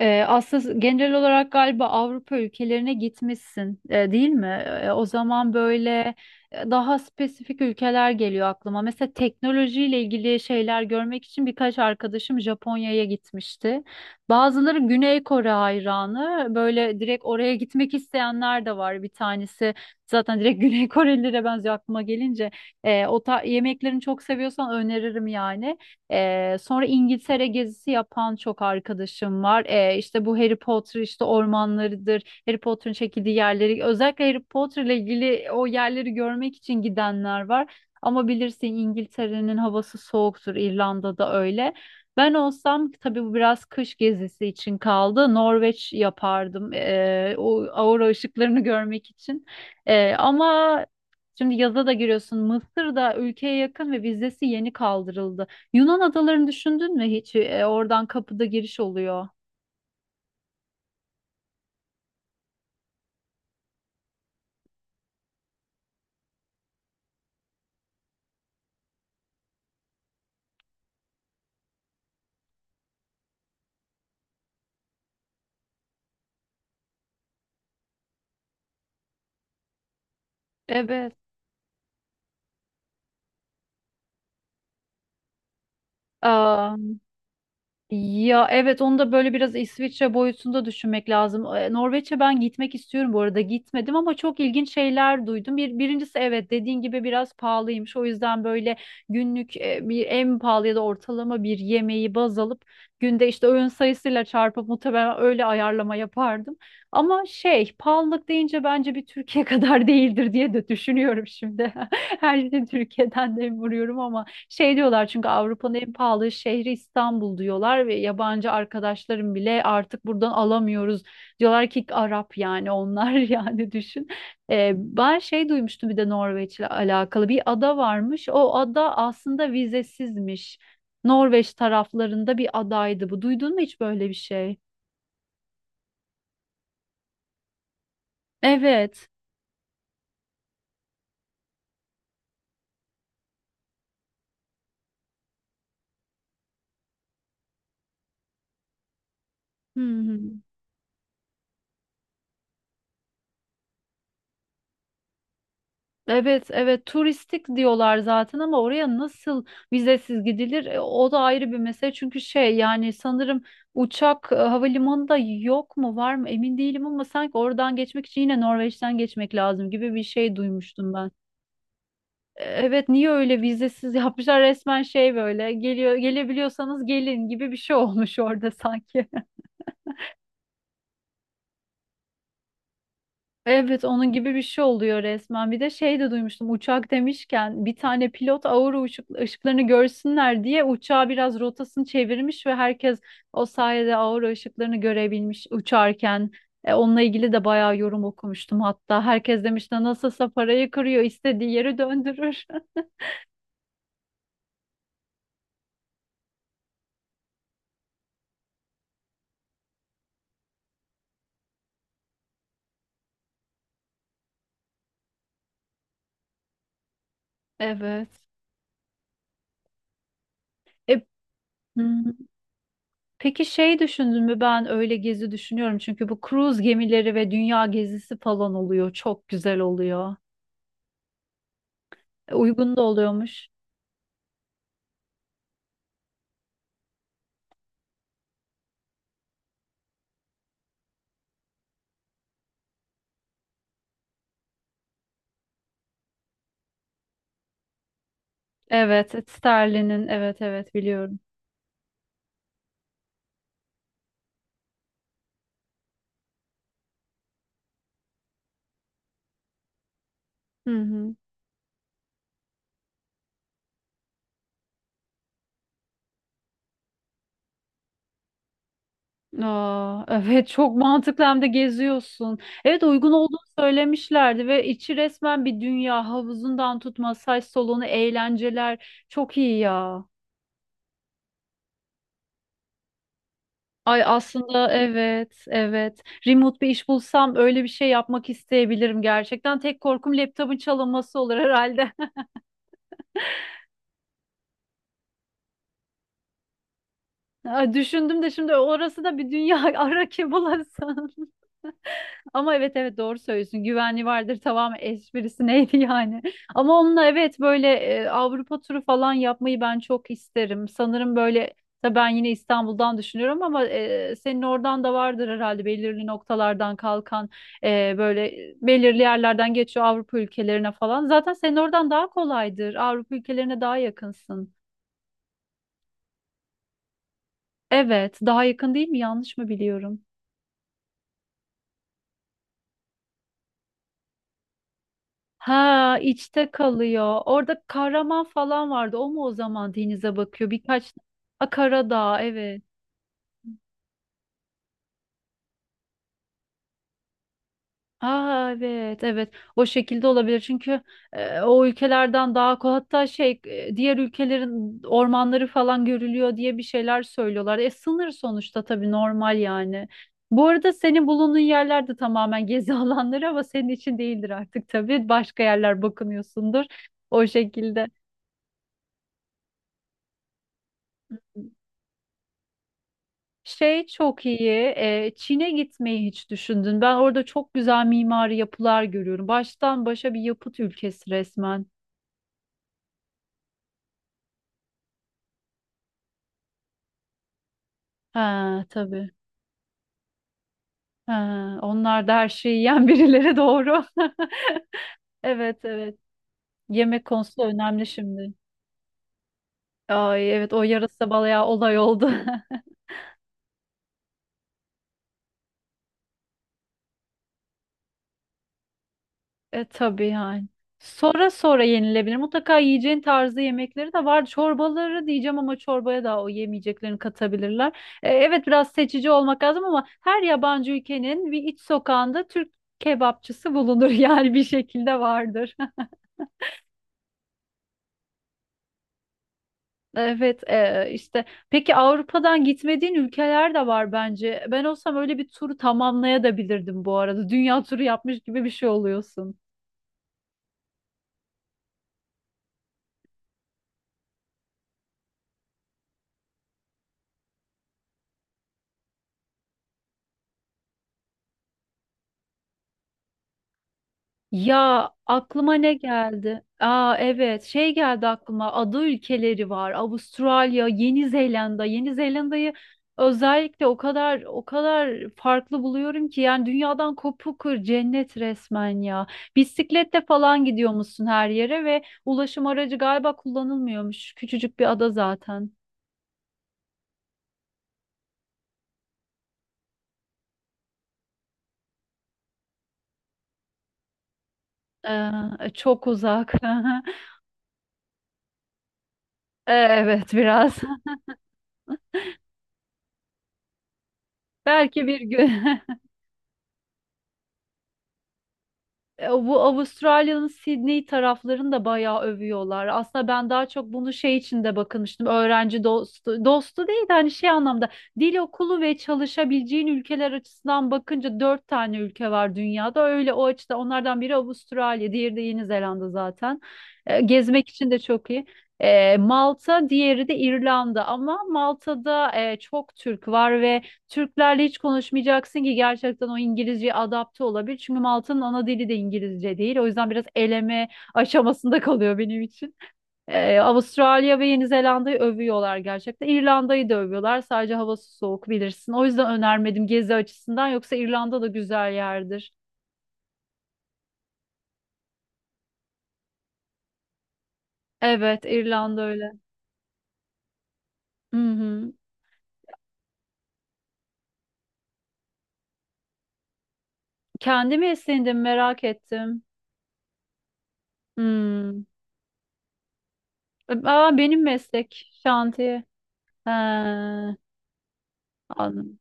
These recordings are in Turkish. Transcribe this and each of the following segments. Aslında genel olarak galiba Avrupa ülkelerine gitmişsin, değil mi? O zaman böyle daha spesifik ülkeler geliyor aklıma. Mesela teknolojiyle ilgili şeyler görmek için birkaç arkadaşım Japonya'ya gitmişti. Bazıları Güney Kore hayranı. Böyle direkt oraya gitmek isteyenler de var. Bir tanesi zaten direkt Güney Korelilere benziyor aklıma gelince. Yemeklerini çok seviyorsan öneririm yani. Sonra İngiltere gezisi yapan çok arkadaşım var. İşte bu Harry Potter işte ormanlarıdır. Harry Potter'ın çekildiği yerleri, özellikle Harry Potter ile ilgili o yerleri görmek için gidenler var. Ama bilirsin, İngiltere'nin havası soğuktur. İrlanda'da öyle. Ben olsam tabii bu biraz kış gezisi için kaldı, Norveç yapardım. O aurora ışıklarını görmek için. Ama Şimdi yaza da giriyorsun. Mısır da ülkeye yakın ve vizesi yeni kaldırıldı. Yunan adalarını düşündün mü hiç? Oradan kapıda giriş oluyor. Evet. Aa, ya evet, onu da böyle biraz İsviçre boyutunda düşünmek lazım. Norveç'e ben gitmek istiyorum bu arada. Gitmedim ama çok ilginç şeyler duydum. Birincisi, evet, dediğin gibi biraz pahalıymış. O yüzden böyle günlük bir en pahalı ya da ortalama bir yemeği baz alıp günde işte öğün sayısıyla çarpıp muhtemelen öyle ayarlama yapardım. Ama şey, pahalılık deyince bence bir Türkiye kadar değildir diye de düşünüyorum şimdi. Her şeyi Türkiye'den de vuruyorum ama. Şey diyorlar, çünkü Avrupa'nın en pahalı şehri İstanbul diyorlar ve yabancı arkadaşlarım bile artık buradan alamıyoruz diyorlar ki. Arap, yani onlar yani düşün. Ben şey duymuştum, bir de Norveç'le alakalı bir ada varmış. O ada aslında vizesizmiş. Norveç taraflarında bir adaydı bu. Duydun mu hiç böyle bir şey? Evet. Hı hı. Evet, evet, turistik diyorlar zaten ama oraya nasıl vizesiz gidilir? O da ayrı bir mesele, çünkü şey, yani sanırım uçak, havalimanında yok mu var mı emin değilim ama sanki oradan geçmek için yine Norveç'ten geçmek lazım gibi bir şey duymuştum ben. Evet, niye öyle vizesiz yapmışlar resmen? Şey, böyle geliyor, gelebiliyorsanız gelin gibi bir şey olmuş orada sanki. Evet, onun gibi bir şey oluyor resmen. Bir de şey de duymuştum, uçak demişken, bir tane pilot aurora ışıklarını görsünler diye uçağı biraz rotasını çevirmiş ve herkes o sayede aurora ışıklarını görebilmiş uçarken. Onunla ilgili de bayağı yorum okumuştum hatta. Herkes demiş de nasılsa parayı kırıyor, istediği yeri döndürür. Evet. E, hmm, peki şey, düşündün mü? Ben öyle gezi düşünüyorum, çünkü bu cruise gemileri ve dünya gezisi falan oluyor, çok güzel oluyor. Uygun da oluyormuş. Evet, Sterlin'in, evet evet, biliyorum. Hı hı. Aa, evet, çok mantıklı, hem de geziyorsun. Evet, uygun olduğunu söylemişlerdi ve içi resmen bir dünya, havuzundan tut masaj salonu, eğlenceler, çok iyi ya. Ay aslında evet evet, remote bir iş bulsam öyle bir şey yapmak isteyebilirim gerçekten. Tek korkum laptopun çalınması olur herhalde. Ay, düşündüm de şimdi orası da bir dünya, ara kim bulasın. Ama evet evet, doğru söylüyorsun. Güvenli vardır, tamam, esprisi neydi yani. Ama onunla evet, böyle Avrupa turu falan yapmayı ben çok isterim. Sanırım böyle, tabii ben yine İstanbul'dan düşünüyorum ama senin oradan da vardır herhalde belirli noktalardan kalkan, böyle belirli yerlerden geçiyor Avrupa ülkelerine falan. Zaten senin oradan daha kolaydır, Avrupa ülkelerine daha yakınsın. Evet, daha yakın değil mi? Yanlış mı biliyorum? Ha, içte kalıyor. Orada kahraman falan vardı. O mu o zaman denize bakıyor? Birkaç... A, Karadağ, evet. Aa, evet evet. O şekilde olabilir. Çünkü o ülkelerden daha hatta şey, diğer ülkelerin ormanları falan görülüyor diye bir şeyler söylüyorlar. E sınır sonuçta, tabii normal yani. Bu arada senin bulunduğun yerler de tamamen gezi alanları ama senin için değildir artık tabii. Başka yerler bakınıyorsundur o şekilde. Şey çok iyi. Çin'e gitmeyi hiç düşündün? Ben orada çok güzel mimari yapılar görüyorum. Baştan başa bir yapıt ülkesi resmen. Ha tabii. Ha, onlar da her şeyi yiyen birileri, doğru. Evet evet. Yemek konusu önemli şimdi. Ay evet, o yarasa bayağı olay oldu. E tabii yani. Sonra sonra yenilebilir. Mutlaka yiyeceğin tarzı yemekleri de var. Çorbaları diyeceğim ama çorbaya da o yemeyeceklerini katabilirler. Evet, biraz seçici olmak lazım ama her yabancı ülkenin bir iç sokağında Türk kebapçısı bulunur yani, bir şekilde vardır. Evet, peki, Avrupa'dan gitmediğin ülkeler de var bence. Ben olsam öyle bir turu tamamlayabilirdim bu arada. Dünya turu yapmış gibi bir şey oluyorsun. Ya aklıma ne geldi? Aa evet, şey geldi aklıma, ada ülkeleri var. Avustralya, Yeni Zelanda. Yeni Zelanda'yı özellikle o kadar o kadar farklı buluyorum ki, yani dünyadan kopukur cennet resmen ya. Bisikletle falan gidiyor musun her yere ve ulaşım aracı galiba kullanılmıyormuş. Küçücük bir ada zaten. Ee, Çok uzak. Evet biraz. Belki bir gün. Bu Avustralya'nın Sydney taraflarını da bayağı övüyorlar. Aslında ben daha çok bunu şey için de bakılmıştım. Öğrenci dostu, dostu değil de hani şey anlamda dil okulu ve çalışabileceğin ülkeler açısından bakınca dört tane ülke var dünyada. Öyle o açıda onlardan biri Avustralya, diğeri de Yeni Zelanda zaten. Gezmek için de çok iyi. Malta, diğeri de İrlanda ama Malta'da çok Türk var ve Türklerle hiç konuşmayacaksın ki gerçekten o İngilizceye adapte olabilir. Çünkü Malta'nın ana dili de İngilizce değil. O yüzden biraz eleme aşamasında kalıyor benim için. Avustralya ve Yeni Zelanda'yı övüyorlar gerçekten. İrlanda'yı da övüyorlar. Sadece havası soğuk, bilirsin. O yüzden önermedim gezi açısından. Yoksa İrlanda da güzel yerdir. Evet, İrlanda öyle. Hı hı. Kendimi esindim, merak ettim. Hmm. Aa, benim meslek şantiye. He, anladım.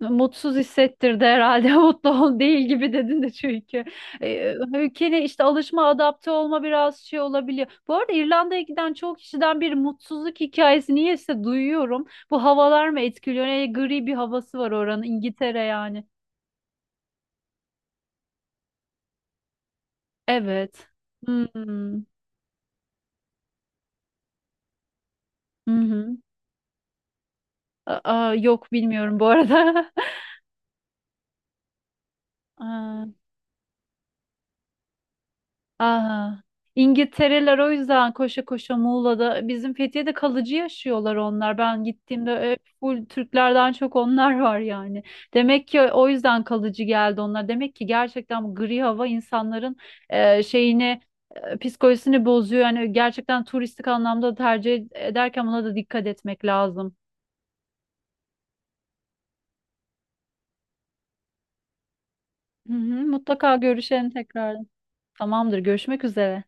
Mutsuz hissettirdi herhalde. Mutlu ol değil gibi dedin de çünkü. Ülkene işte alışma, adapte olma biraz şey olabiliyor. Bu arada İrlanda'ya giden çok kişiden bir mutsuzluk hikayesi niyeyse duyuyorum. Bu havalar mı etkiliyor? Ne gri bir havası var oranın. İngiltere yani. Evet. Hmm. Hı hı. Aa, yok, bilmiyorum bu arada. Aa. Aha. İngiltereler o yüzden koşa koşa Muğla'da bizim Fethiye'de kalıcı yaşıyorlar onlar. Ben gittiğimde full Türklerden çok onlar var yani. Demek ki o yüzden kalıcı geldi onlar. Demek ki gerçekten bu gri hava insanların e, şeyini psikolojisini bozuyor. Yani gerçekten turistik anlamda tercih ederken buna da dikkat etmek lazım. Hı hı, mutlaka görüşelim tekrar. Tamamdır, görüşmek üzere.